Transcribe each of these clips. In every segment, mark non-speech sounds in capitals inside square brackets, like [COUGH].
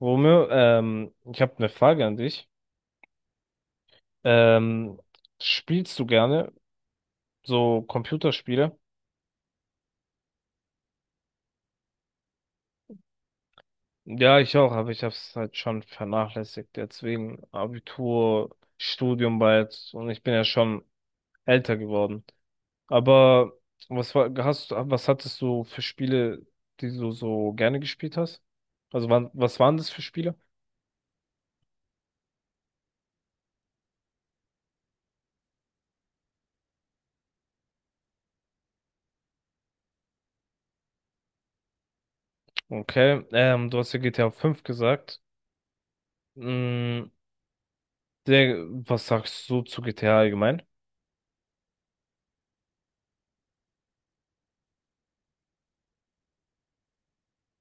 Romeo, ich habe eine Frage an dich. Ähm, Spielst du gerne so Computerspiele? Ja, ich auch, aber ich habe es halt schon vernachlässigt. Jetzt wegen Abitur, Studium bald, und ich bin ja schon älter geworden. Aber was hattest du für Spiele, die du so gerne gespielt hast? Also was waren das für Spiele? Okay, du hast ja GTA 5 gesagt. Mm, was sagst du zu GTA allgemein?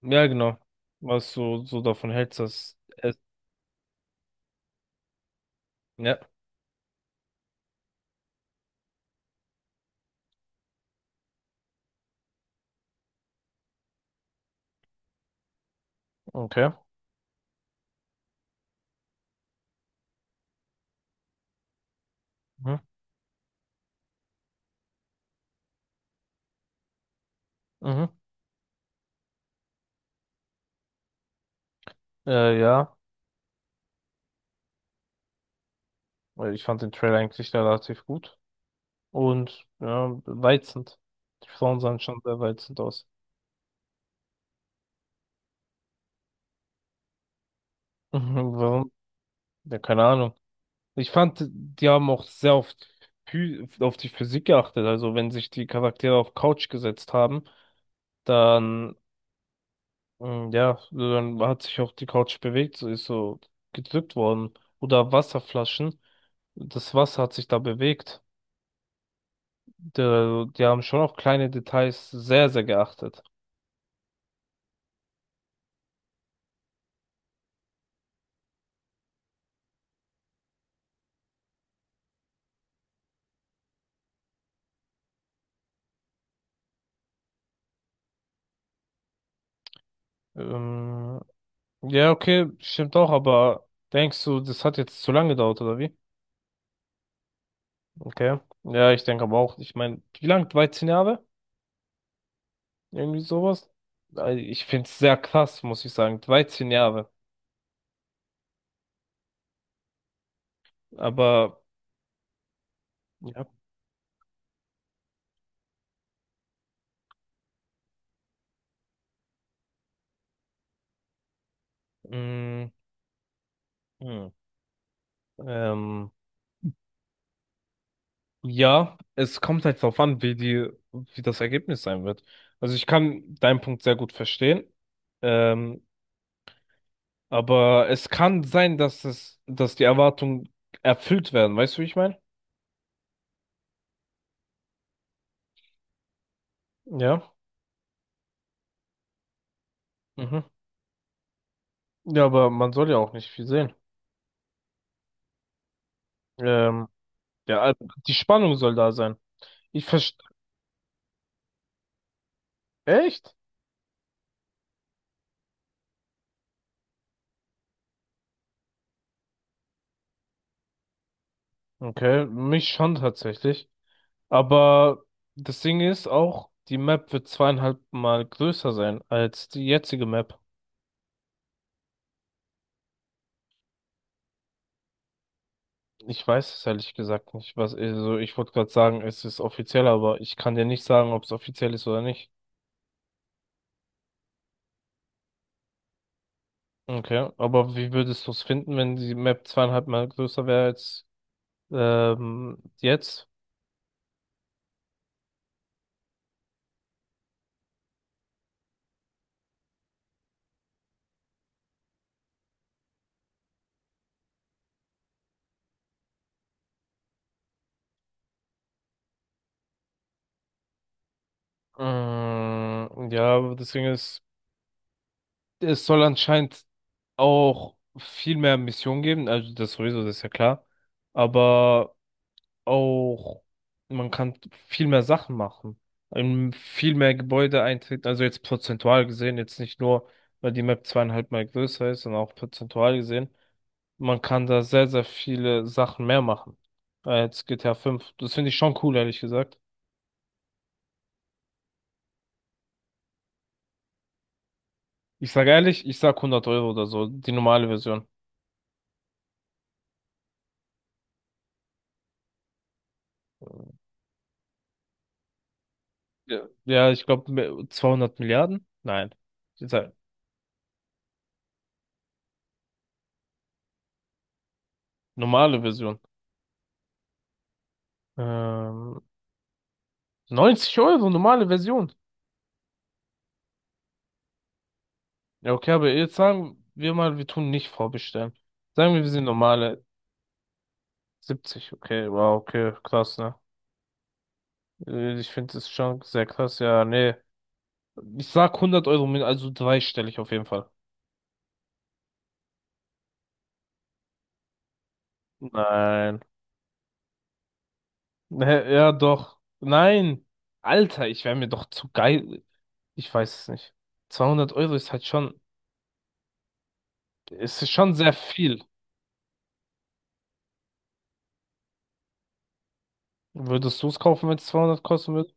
Ja, genau. Was du so davon hältst, dass es, ja, okay. Mhm. Mhm. Ja, weil ich fand den Trailer eigentlich relativ gut. Und ja, reizend. Die Frauen sahen schon sehr reizend aus. Mhm, warum? Ja, keine Ahnung. Ich fand, die haben auch sehr oft auf die Physik geachtet. Also wenn sich die Charaktere auf Couch gesetzt haben, dann, ja, so, dann hat sich auch die Couch bewegt, so ist so gedrückt worden. Oder Wasserflaschen. Das Wasser hat sich da bewegt. Die haben schon auf kleine Details sehr, sehr geachtet. Ähm, ja, okay, stimmt auch, aber denkst du, das hat jetzt zu lange gedauert, oder wie? Okay. Ja, ich denke aber auch, ich meine, wie lang? 13 Jahre? Irgendwie sowas? Ich finde es sehr krass, muss ich sagen. 13 Jahre. Aber, ja. mm, hm, ähm, Ja, es kommt halt darauf an, wie die, wie das Ergebnis sein wird. Also ich kann deinen Punkt sehr gut verstehen, ähm, aber es kann sein, dass die Erwartungen erfüllt werden. Weißt du, wie ich meine? Ja. Mhm. Ja, aber man soll ja auch nicht viel sehen. Ähm, ja, also die Spannung soll da sein. Ich verstehe. Echt? Okay, mich schon tatsächlich. Aber das Ding ist auch, die Map wird zweieinhalb Mal größer sein als die jetzige Map. Ich weiß es ehrlich gesagt nicht, was, also ich wollte gerade sagen, es ist offiziell, aber ich kann dir nicht sagen, ob es offiziell ist oder nicht. Okay, aber wie würdest du es finden, wenn die Map zweieinhalb Mal größer wäre als jetzt? Ja, aber deswegen es soll anscheinend auch viel mehr Missionen geben, also das sowieso, das ist ja klar. Aber auch, man kann viel mehr Sachen machen, in viel mehr Gebäude eintreten, also jetzt prozentual gesehen, jetzt nicht nur, weil die Map zweieinhalb Mal größer ist, sondern auch prozentual gesehen. Man kann da sehr, sehr viele Sachen mehr machen als GTA 5. Das finde ich schon cool, ehrlich gesagt. Ich sage ehrlich, ich sag 100 € oder so, die normale Version. Ja, ja, ich glaube 200 Milliarden? Nein, ich sag, normale Version. Ähm, 90 Euro, normale Version. Ja, okay, aber jetzt sagen wir mal, wir tun nicht vorbestellen. Sagen wir, wir sind normale 70. Okay, wow, okay, krass, ne? Ich finde das schon sehr krass. Ja, nee. Ich sag 100 Euro, mit also dreistellig auf jeden Fall. Nein. [LAUGHS] Ne, ja, doch. Nein. Alter, ich wäre mir doch zu geil. Ich weiß es nicht. 200 € ist halt schon, ist schon sehr viel. Würdest du es kaufen, wenn es 200 kosten würde?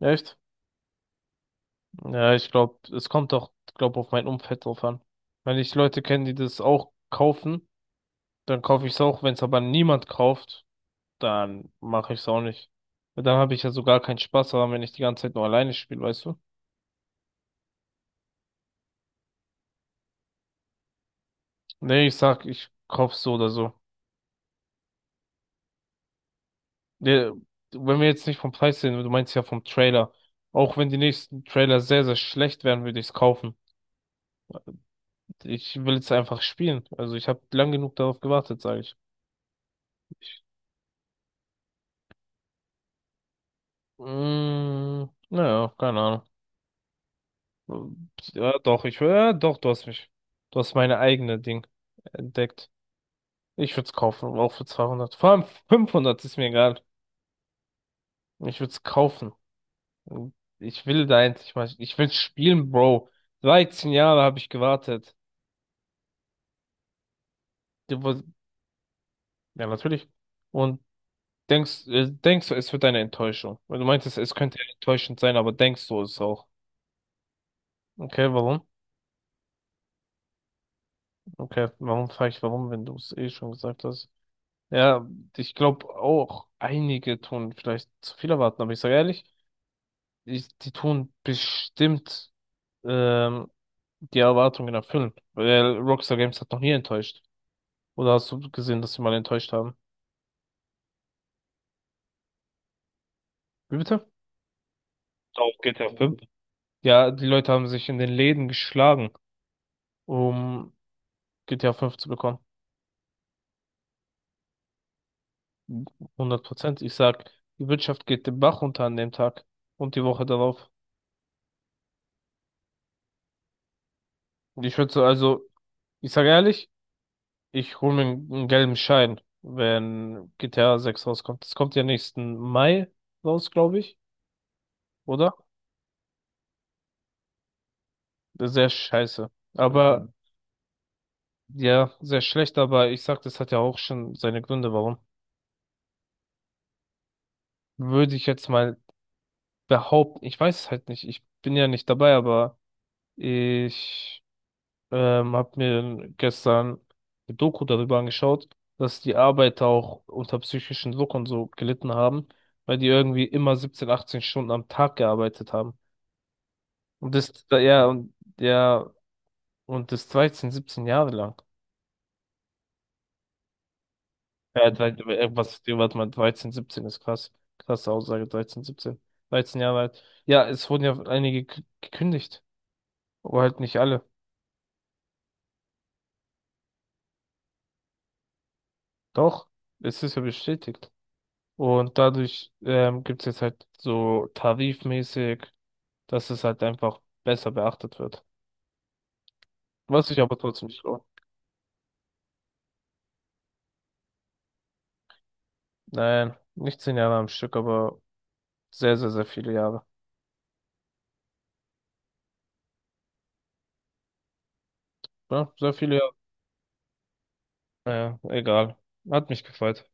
Echt? Ja, ich glaube, es kommt doch, glaube auf mein Umfeld drauf an. Wenn ich Leute kenne, die das auch kaufen, dann kaufe ich es auch. Wenn es aber niemand kauft, dann mache ich es auch nicht. Weil dann habe ich ja so gar keinen Spaß daran, wenn ich die ganze Zeit nur alleine spiele, weißt du? Nee, ich sag, ich kaufe so oder so. Nee, wenn wir jetzt nicht vom Preis sehen, du meinst ja vom Trailer. Auch wenn die nächsten Trailer sehr, sehr schlecht werden, würde ich es kaufen. Ich will es einfach spielen. Also ich habe lang genug darauf gewartet, sage ich. Mm, naja, keine Ahnung. Ja, doch, ich, ja, doch, du hast mich, du hast meine eigene Ding entdeckt. Ich würde es kaufen, auch für 200. Vor allem 500 ist mir egal. Ich würde es kaufen. Ich will da endlich mal, ich will spielen, Bro. 13 Jahre habe ich gewartet. Du woll- Ja, natürlich. Und denkst du, es wird eine Enttäuschung? Weil du meintest, es könnte ja enttäuschend sein, aber denkst du es auch? Okay, warum? Okay, warum frage ich warum, wenn du es eh schon gesagt hast? Ja, ich glaube auch, einige tun vielleicht zu viel erwarten, aber ich sage ehrlich, die tun bestimmt ähm, die Erwartungen erfüllen, weil Rockstar Games hat noch nie enttäuscht. Oder hast du gesehen, dass sie mal enttäuscht haben? Wie bitte? Auf GTA 5. Ja, die Leute haben sich in den Läden geschlagen, um GTA 5 zu bekommen. 100%. Ich sag, die Wirtschaft geht den Bach runter an dem Tag und die Woche darauf. Ich würde so, also, ich sage ehrlich, ich hole mir einen gelben Schein, wenn GTA 6 rauskommt. Das kommt ja nächsten Mai raus, glaube ich, oder? Sehr scheiße. Aber. Mhm. Ja, sehr schlecht, aber ich sag, das hat ja auch schon seine Gründe, warum. Würde ich jetzt mal behaupten, ich weiß es halt nicht, ich bin ja nicht dabei, aber ich habe mir gestern eine Doku darüber angeschaut, dass die Arbeiter auch unter psychischen Druck und so gelitten haben, weil die irgendwie immer 17, 18 Stunden am Tag gearbeitet haben. Und das, ja, und, ja, und das 13, 17 Jahre lang. Ja, irgendwas, warte mal, 13, 17 ist krass. Krasse Aussage, 13, 17. 13 Jahre alt. Ja, es wurden ja einige gekündigt. Aber halt nicht alle. Doch, es ist ja bestätigt. Und dadurch gibt es jetzt halt so tarifmäßig, dass es halt einfach besser beachtet wird. Was sich aber trotzdem nicht lohnt. Nein, nicht 10 Jahre am Stück, aber sehr, sehr, sehr viele Jahre. Ja, sehr viele. Naja, egal. Hat mich gefreut.